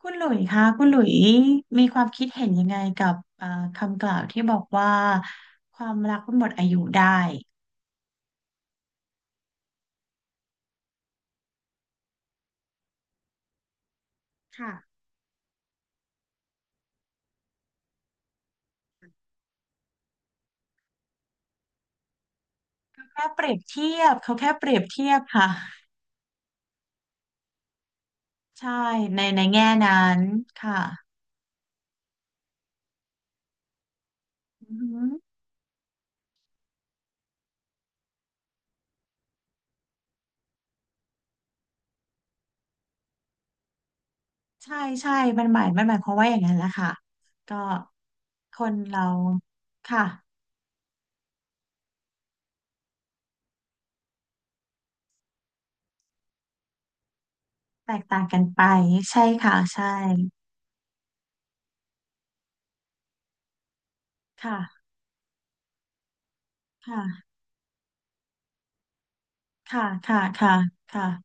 คุณหลุยคะคุณหลุยมีความคิดเห็นยังไงกับคำกล่าวที่บอกว่าความรักมันหมดอายุได้ค่ะแค่เปรียบเทียบเขาแค่เปรียบเทียบค่ะใช่ในแง่นั้นค่ะอือหือใช่ใช่มันหมายความว่าอย่างนั้นแหละค่ะก็คนเราค่ะแตกต่างกันไปใช่ค่ะใช่ค่ะค่ะค่ะค่ะค่ะ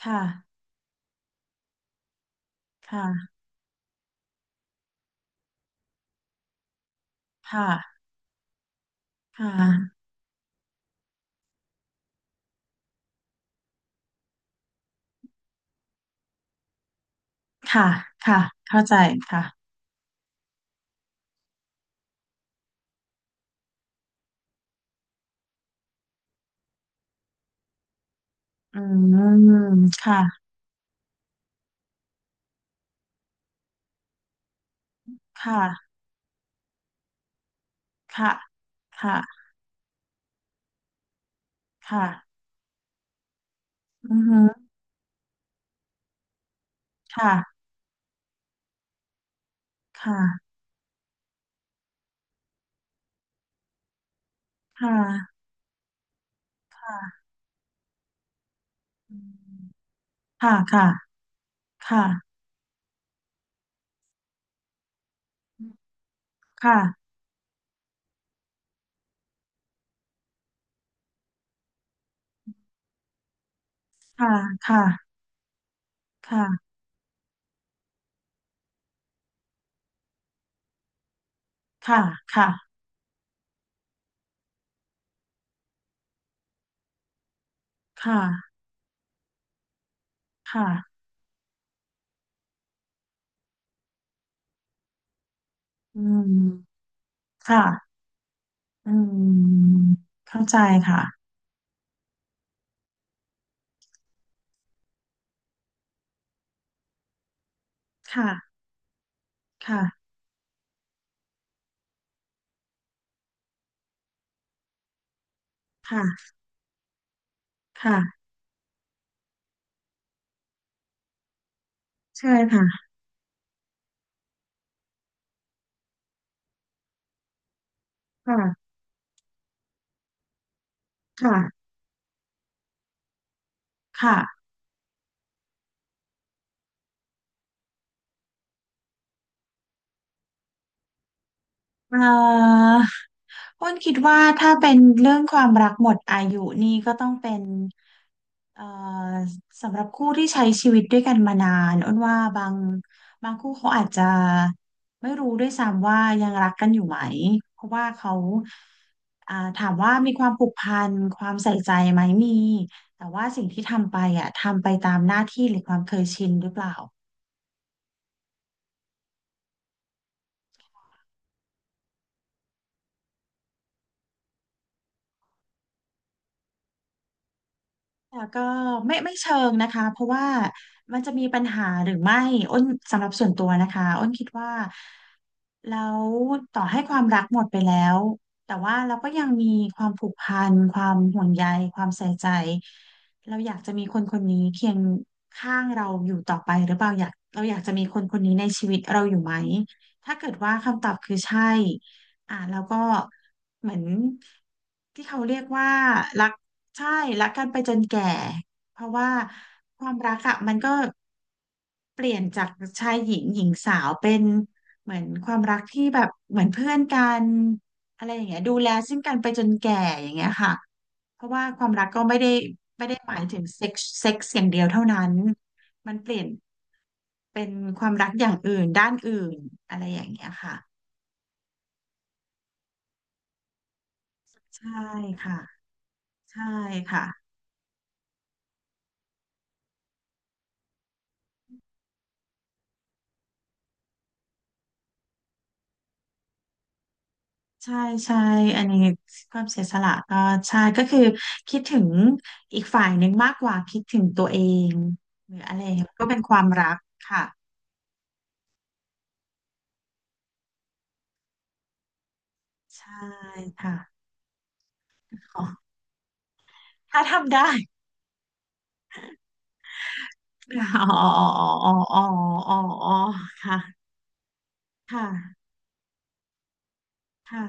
ค่ะค่ะค่ะค่ะค่ะ ค่ะค่ะเข้าใจค่ะอืมค่ะค่ะค่ะค่ะค่ะอือฮึค่ะค่ะค่ะค่ะอืมค่ะค่ะค่ะค่ะค่ะค่ะค่ะค่ะค่ะค่ะค่ะอืมค่ะอืมเข้าใจค่ะค่ะค่ะค่ะค่ะใช่ค่ะค่ะค่ะค่ะ เอ่ออ้นคิดว่าถ้าเป็นเรื่องความรักหมดอายุนี่ก็ต้องเป็นเอ่อสำหรับคู่ที่ใช้ชีวิตด้วยกันมานานอ้นว่าบางคู่เขาอาจจะไม่รู้ด้วยซ้ำว่ายังรักกันอยู่ไหมเพราะว่าเขาอ่าถามว่ามีความผูกพันความใส่ใจไหมมีแต่ว่าสิ่งที่ทำไปอ่ะทำไปตามหน้าที่หรือความเคยชินหรือเปล่า แต่ก็ไม่เชิงนะคะเพราะว่ามันจะมีปัญหาหรือไม่อ้นสำหรับส่วนตัวนะคะอ้นคิดว่าแล้วต่อให้ความรักหมดไปแล้วแต่ว่าเราก็ยังมีความผูกพันความห่วงใยความใส่ใจเราอยากจะมีคนคนนี้เคียงข้างเราอยู่ต่อไปหรือเปล่าอยากเราอยากจะมีคนคนนี้ในชีวิตเราอยู่ไหมถ้าเกิดว่าคำตอบคือใช่อ่าแล้วก็เหมือนที่เขาเรียกว่ารัก ใช่รักกันไปจนแก่เพราะว่าความรักอะมันก็เปลี่ยนจากชายหญิงหญิงสาวเป็นเหมือนความรักที่แบบเหมือนเพื่อนกันอะไรอย่างเงี้ยดูแลซึ่งกันไปจนแก่อย่างเงี้ยค่ะเพราะว่าความรักก็ไม่ได้ไม่ได้หมายถึงเซ็กซ์เซ็กซ์อย่างเดียวเท่านั้นมันเปลี่ยนเป็นความรักอย่างอื่นด้านอื่นอะไรอย่างเงี้ยค่ะใช่ค่ะใช่ค่ะ ใช่ใช่อันนี้ความเสียสละก็ใช่ก็คือคิดถึงอีกฝ่ายหนึ่งมากกว่าคิดถึงตัวเองหรืออะไรก็เป็นความรักค่ะใช่ค่ะอ๋อถ้าทำได้อ๋ออ๋ออ๋ออ๋ออ๋อค่ะค่ะค่ะ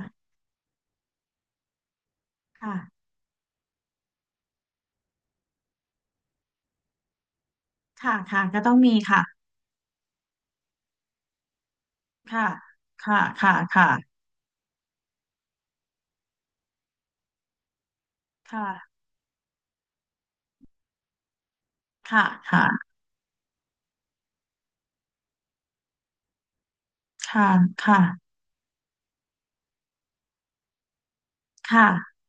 ค่ะค่ะค่ะก็ต้องมีค่ะค่ะค่ะค่ะค่ะค่ะค่ะค่ะค่ะค่ะ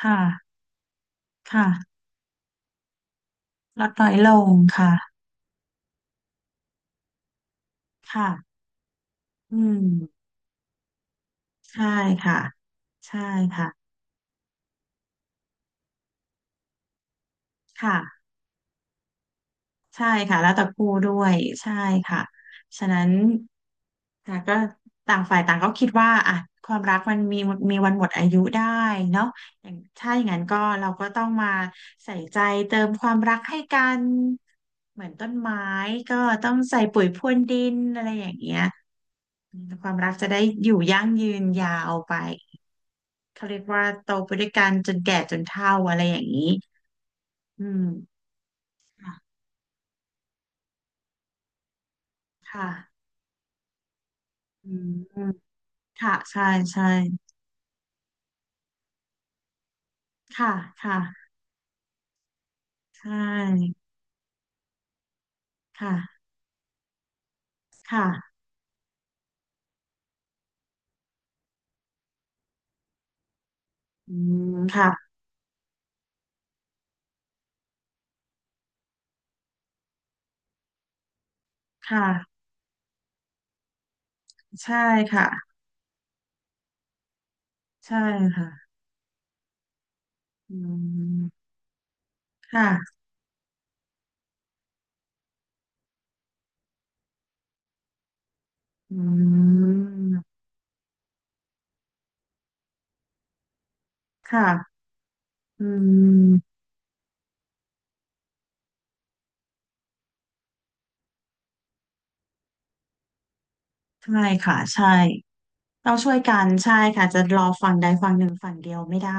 ค่ะค่ะค่ะลดน้อยลงค่ะค่ะอืม ใช่ค่ะใช่ค่ะค่ะใช่ค่ะแล้วแต่คู่ด้วยใช่ค่ะฉะนั้นค่ะก็ต่างฝ่ายต่างก็คิดว่าอ่ะความรักมันมีมีวันหมดอายุได้เนาะอย่างถ้าอย่างนั้นก็เราก็ต้องมาใส่ใจเติมความรักให้กัน เหมือนต้นไม้ก็ต้องใส่ปุ๋ยพรวนดินอะไรอย่างเงี้ยความรักจะได้อยู่ยั่งยืนยาวไปเขาเรียกว่าโตไปด้วยกันจนแก่จนเฒ่าอะไรอย่างนี้อืม ค่ะอืมค่ะใช่ ใช่ ค่ะค่ะใช่ค่ะค่ะอืมค่ะค่ะ ใช่ ค่ะ ใช่ค่ะอืมค่ะอืมค่ะอืมใช่ ค่ะใช่เราช่วยกันใช่ค่ะจะรอฝั่งใดฝั่งหนึ่งฝั่งเดียวไม่ได้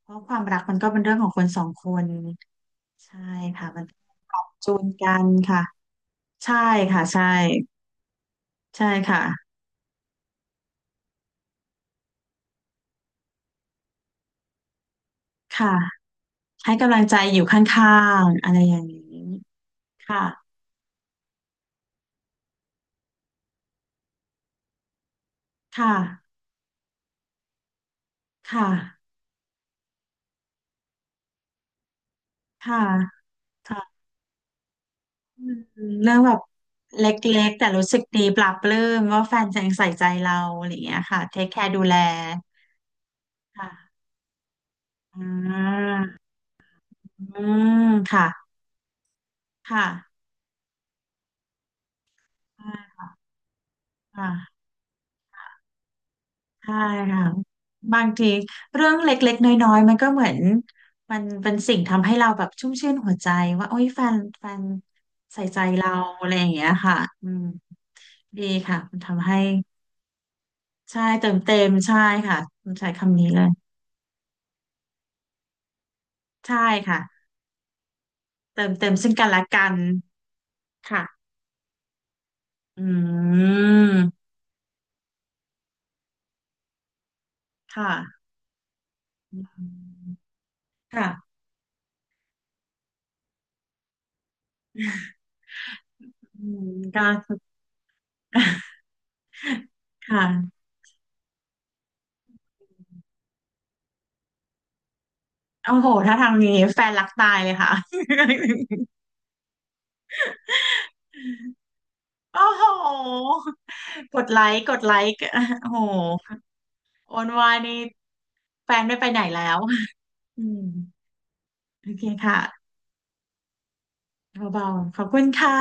เพราะความรักมันใช่ค่ะมันปรับจูนกันค่ะใช่ค่ะใช่ใช่ค่ะค่ะ ให้กำลังใจอยู่ข้างๆอะไรอย่างนี้ ค่ะ ค่ะ ค่ะ ค่ะค่ะอืมเรื่องแบบเล็กๆแต่รู้สึกดีปลาบปลื้มว่าแฟนยังใส่ใจเราอะไรอย่างเงี้ยค่ะเทคแคร์ดูแล ค่ะอ่าอืมค่ะ ค่ะอ่าค่ะ ใช่ค่ะบางทีเรื่องเล็กๆน้อยๆมันก็เหมือนมันเป็นสิ่งทำให้เราแบบชุ่มชื่นหัวใจว่าโอ้ยแฟนใส่ใจเราอะไรอย่างเงี้ยค่ะอืมดีค่ะมันทำให้ใช่เติมเต็มใช่ค่ะผมใช้คำนี้เลยใช่ค่ะเติมเต็มซึ่งกันและกันค่ะอืมค่ะอืมค่ะอืมก็ ค่ะโอ้โหถ้าทางนี้แฟนรักตายเลยค่ะ โอ้โห กดไลค์กดไลค์โอ้โหโอนวายนี่แฟนไม่ไปไหนแล้วอืมโอเคค่ะ เบาๆ ขอบคุณค่ะ